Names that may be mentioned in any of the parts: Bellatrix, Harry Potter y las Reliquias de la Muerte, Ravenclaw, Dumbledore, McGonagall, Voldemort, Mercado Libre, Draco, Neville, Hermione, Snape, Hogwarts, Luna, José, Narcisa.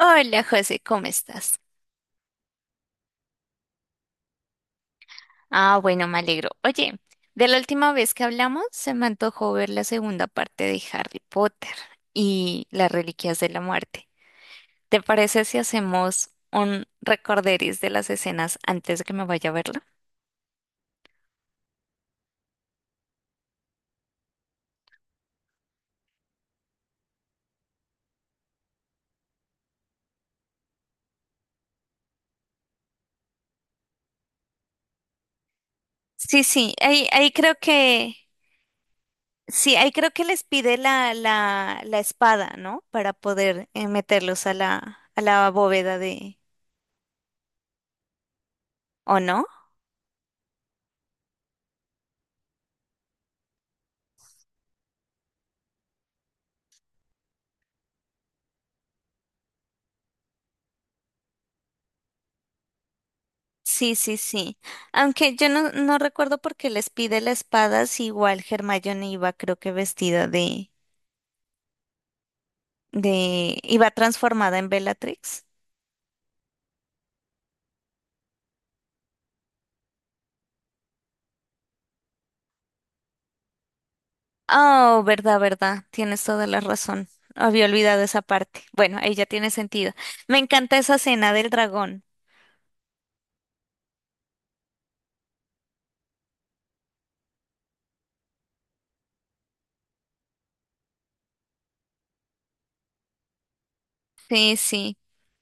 Hola José, ¿cómo estás? Ah, bueno, me alegro. Oye, de la última vez que hablamos, se me antojó ver la segunda parte de Harry Potter y las Reliquias de la Muerte. ¿Te parece si hacemos un recorderis de las escenas antes de que me vaya a verla? Sí, sí, ahí creo que, sí, ahí creo que les pide la, la espada, ¿no? Para poder meterlos a la bóveda de, ¿o no? Sí, sí, sí. Aunque yo no recuerdo por qué les pide la espada, si igual Hermione iba, creo que vestida de, iba transformada en Bellatrix. Oh, verdad, verdad. Tienes toda la razón. Había olvidado esa parte. Bueno, ahí ya tiene sentido. Me encanta esa escena del dragón. Sí, sí.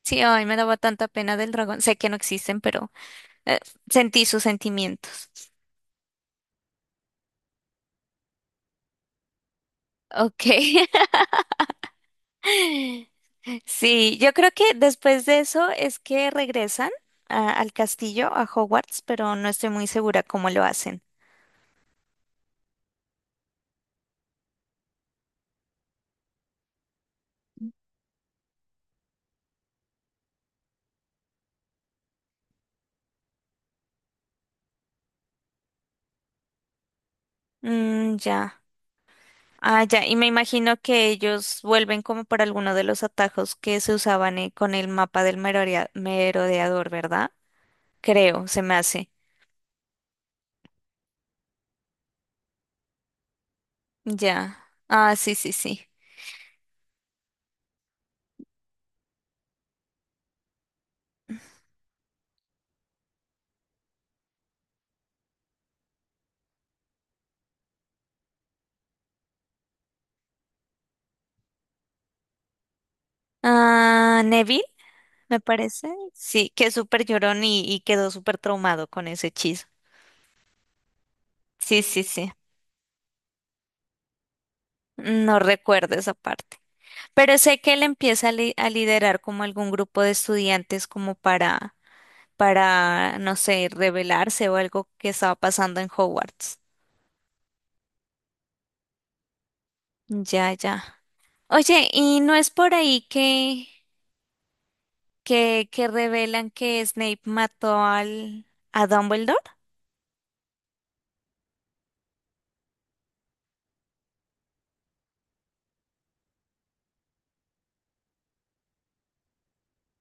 Sí, ay, me daba tanta pena del dragón. Sé que no existen, pero eh, sentí sus sentimientos. Ok. Sí, yo creo que después de eso es que regresan al castillo, a Hogwarts, pero no estoy muy segura cómo lo hacen. Mm, ya. Ah, ya. Y me imagino que ellos vuelven como por alguno de los atajos que se usaban con el mapa del merodeador, ¿verdad? Creo, se me hace. Ya. Ah, sí, sí, sí. Ah, Neville, me parece. Sí, que es súper llorón y quedó súper traumado con ese hechizo. Sí, sí, sí. No recuerdo esa parte. Pero sé que él empieza a, a liderar como algún grupo de estudiantes como para, no sé, rebelarse o algo que estaba pasando en Hogwarts. Ya, ya. Oye, ¿y no es por ahí que, que revelan que Snape mató al, a Dumbledore?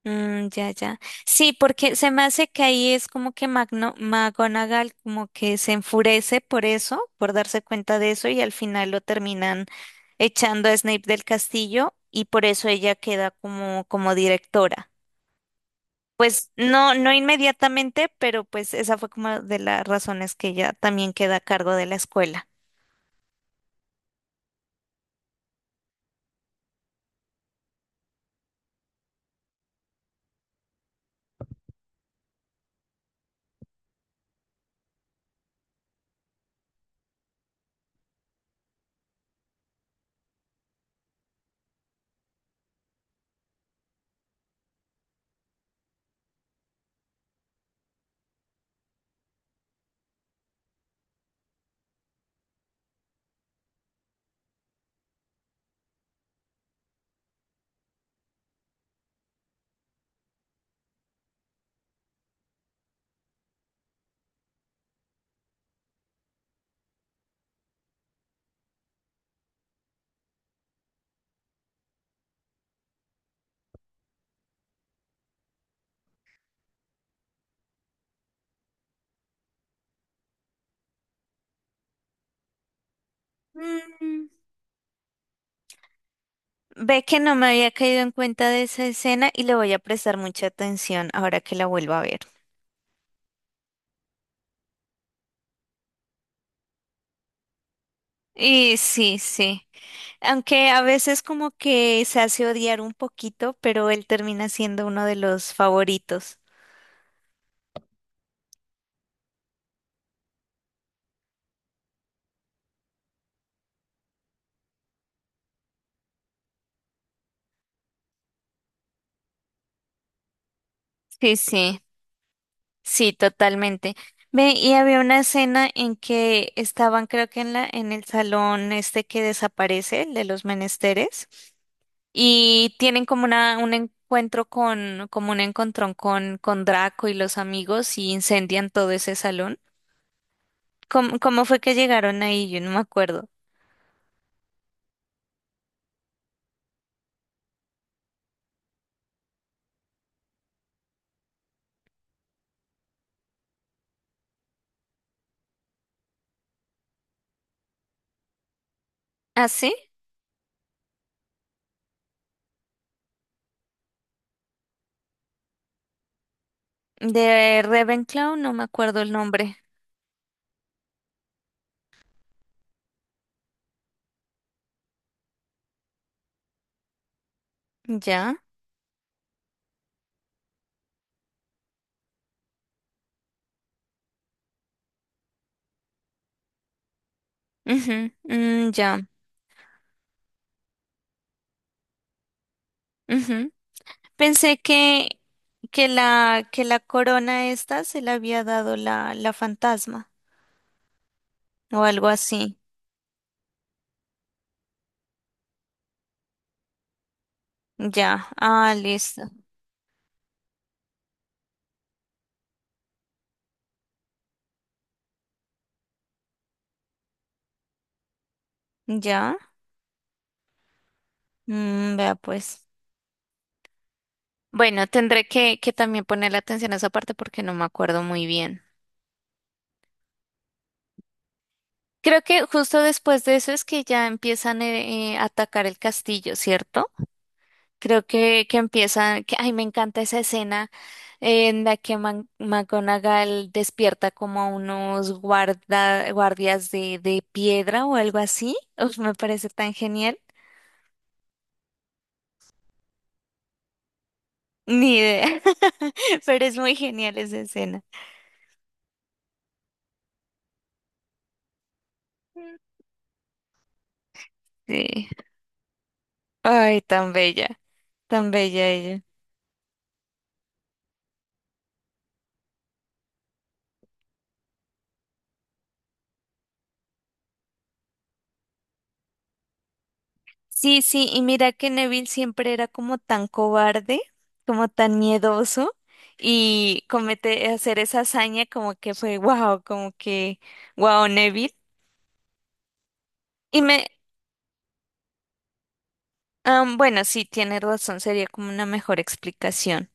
Mm, ya, ya. Sí, porque se me hace que ahí es como que Magno, McGonagall como que se enfurece por eso, por darse cuenta de eso y al final lo terminan echando a Snape del castillo y por eso ella queda como, como directora. Pues no inmediatamente, pero pues esa fue como de las razones que ella también queda a cargo de la escuela. Mm, ve que no me había caído en cuenta de esa escena y le voy a prestar mucha atención ahora que la vuelva a ver. Y sí, sí. Aunque a veces como que se hace odiar un poquito, pero él termina siendo uno de los favoritos. Sí, sí, sí, totalmente. Ve, y había una escena en que estaban, creo que en la, en el salón este que desaparece, el de los menesteres, y tienen como una, un encuentro con, como un encontrón con Draco y los amigos y incendian todo ese salón. ¿Cómo, cómo fue que llegaron ahí? Yo no me acuerdo. ¿Ah, sí? De Ravenclaw, no me acuerdo el nombre. Ya. Ujú, mm, ya. Ujú. Pensé que la corona esta se la había dado la, la fantasma o algo así. Ya. Ah, listo. Ya. Mm, vea pues. Bueno, tendré que también ponerle atención a esa parte porque no me acuerdo muy bien. Creo que justo después de eso es que ya empiezan a atacar el castillo, ¿cierto? Creo que empiezan, que, ay, me encanta esa escena en la que McGonagall despierta como a unos guarda, guardias de piedra o algo así. Uf, me parece tan genial. Ni idea, pero es muy genial esa escena. Sí. Ay, tan bella ella. Sí, sí, y mira que Neville siempre era como tan cobarde, como tan miedoso, y comete hacer esa hazaña como que fue wow, como que wow, Neville. Y me, am, bueno, sí, tiene razón, sería como una mejor explicación.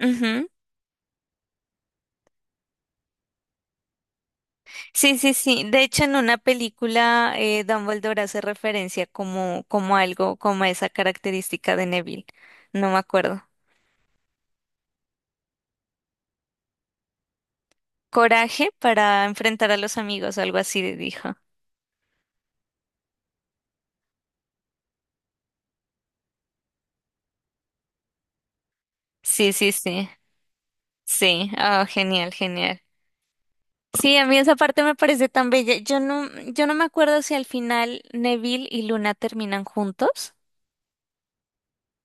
Ujú. Sí, sí, sí. De hecho, en una película, Dumbledore hace referencia como, como algo, como a esa característica de Neville. No me acuerdo. Coraje para enfrentar a los amigos, algo así dijo. Sí, sí, sí. Sí, oh, genial, genial. Sí, a mí esa parte me parece tan bella. Yo yo no me acuerdo si al final Neville y Luna terminan juntos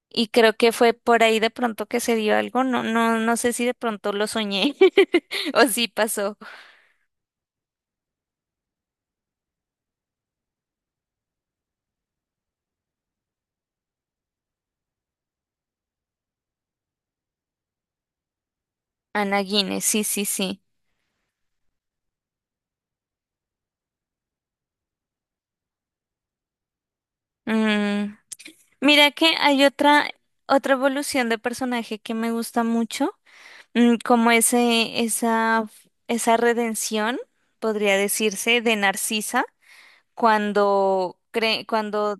y creo que fue por ahí de pronto que se dio algo. No, no, no sé si de pronto lo soñé o si pasó. Ana Guinness, sí, sí, sí. Mm, mira que hay otra, otra evolución de personaje que me gusta mucho, mm, como ese, esa redención, podría decirse, de Narcisa cuando cree cuando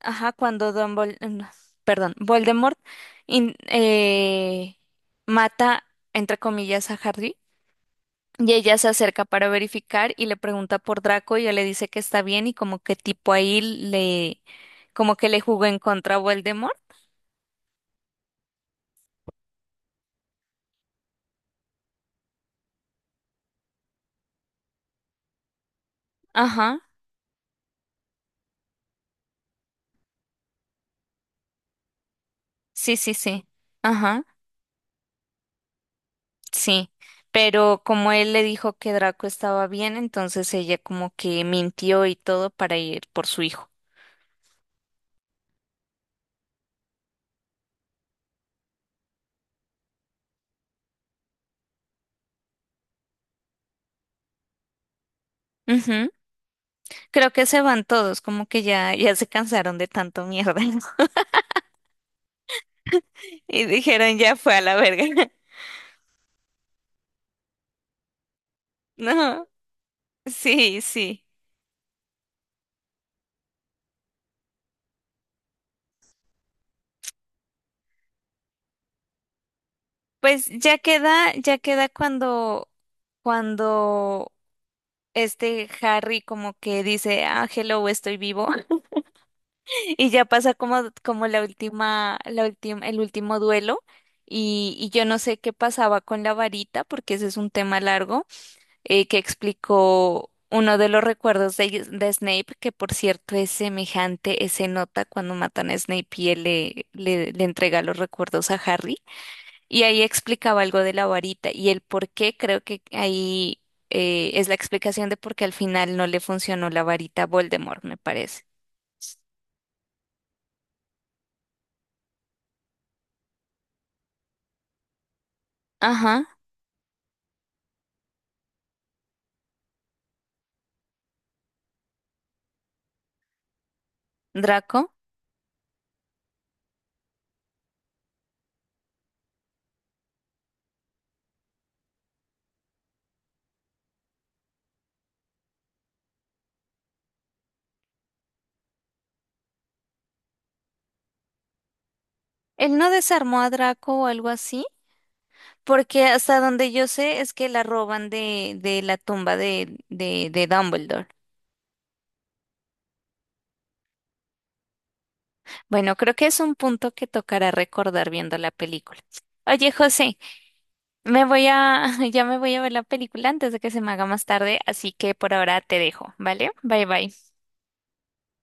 ajá cuando Dumbledore, mm, perdón, Voldemort in- eh, mata entre comillas a Harry y ella se acerca para verificar y le pregunta por Draco y ella le dice que está bien y como que tipo ahí le como que le jugó en contra a Voldemort. Ajá, sí, sí, sí, ajá, sí, pero como él le dijo que Draco estaba bien entonces ella como que mintió y todo para ir por su hijo. Creo que se van todos, como que ya, ya se cansaron de tanto mierda y dijeron ya fue a la verga. No, sí, sí. Pues ya queda cuando, cuando este Harry como que dice, ah, hello, estoy vivo. Y ya pasa como, como la última, el último duelo. Y yo no sé qué pasaba con la varita, porque ese es un tema largo. Que explicó uno de los recuerdos de Snape, que por cierto es semejante, se nota cuando matan a Snape y él le, le, le entrega los recuerdos a Harry. Y ahí explicaba algo de la varita y el por qué, creo que ahí es la explicación de por qué al final no le funcionó la varita a Voldemort, me parece. Ajá, Draco. Él no desarmó a Draco o algo así, porque hasta donde yo sé es que la roban de la tumba de, de Dumbledore. Bueno, creo que es un punto que tocará recordar viendo la película. Oye, José, me voy a, ya me voy a ver la película antes de que se me haga más tarde, así que por ahora te dejo, ¿vale? Bye bye.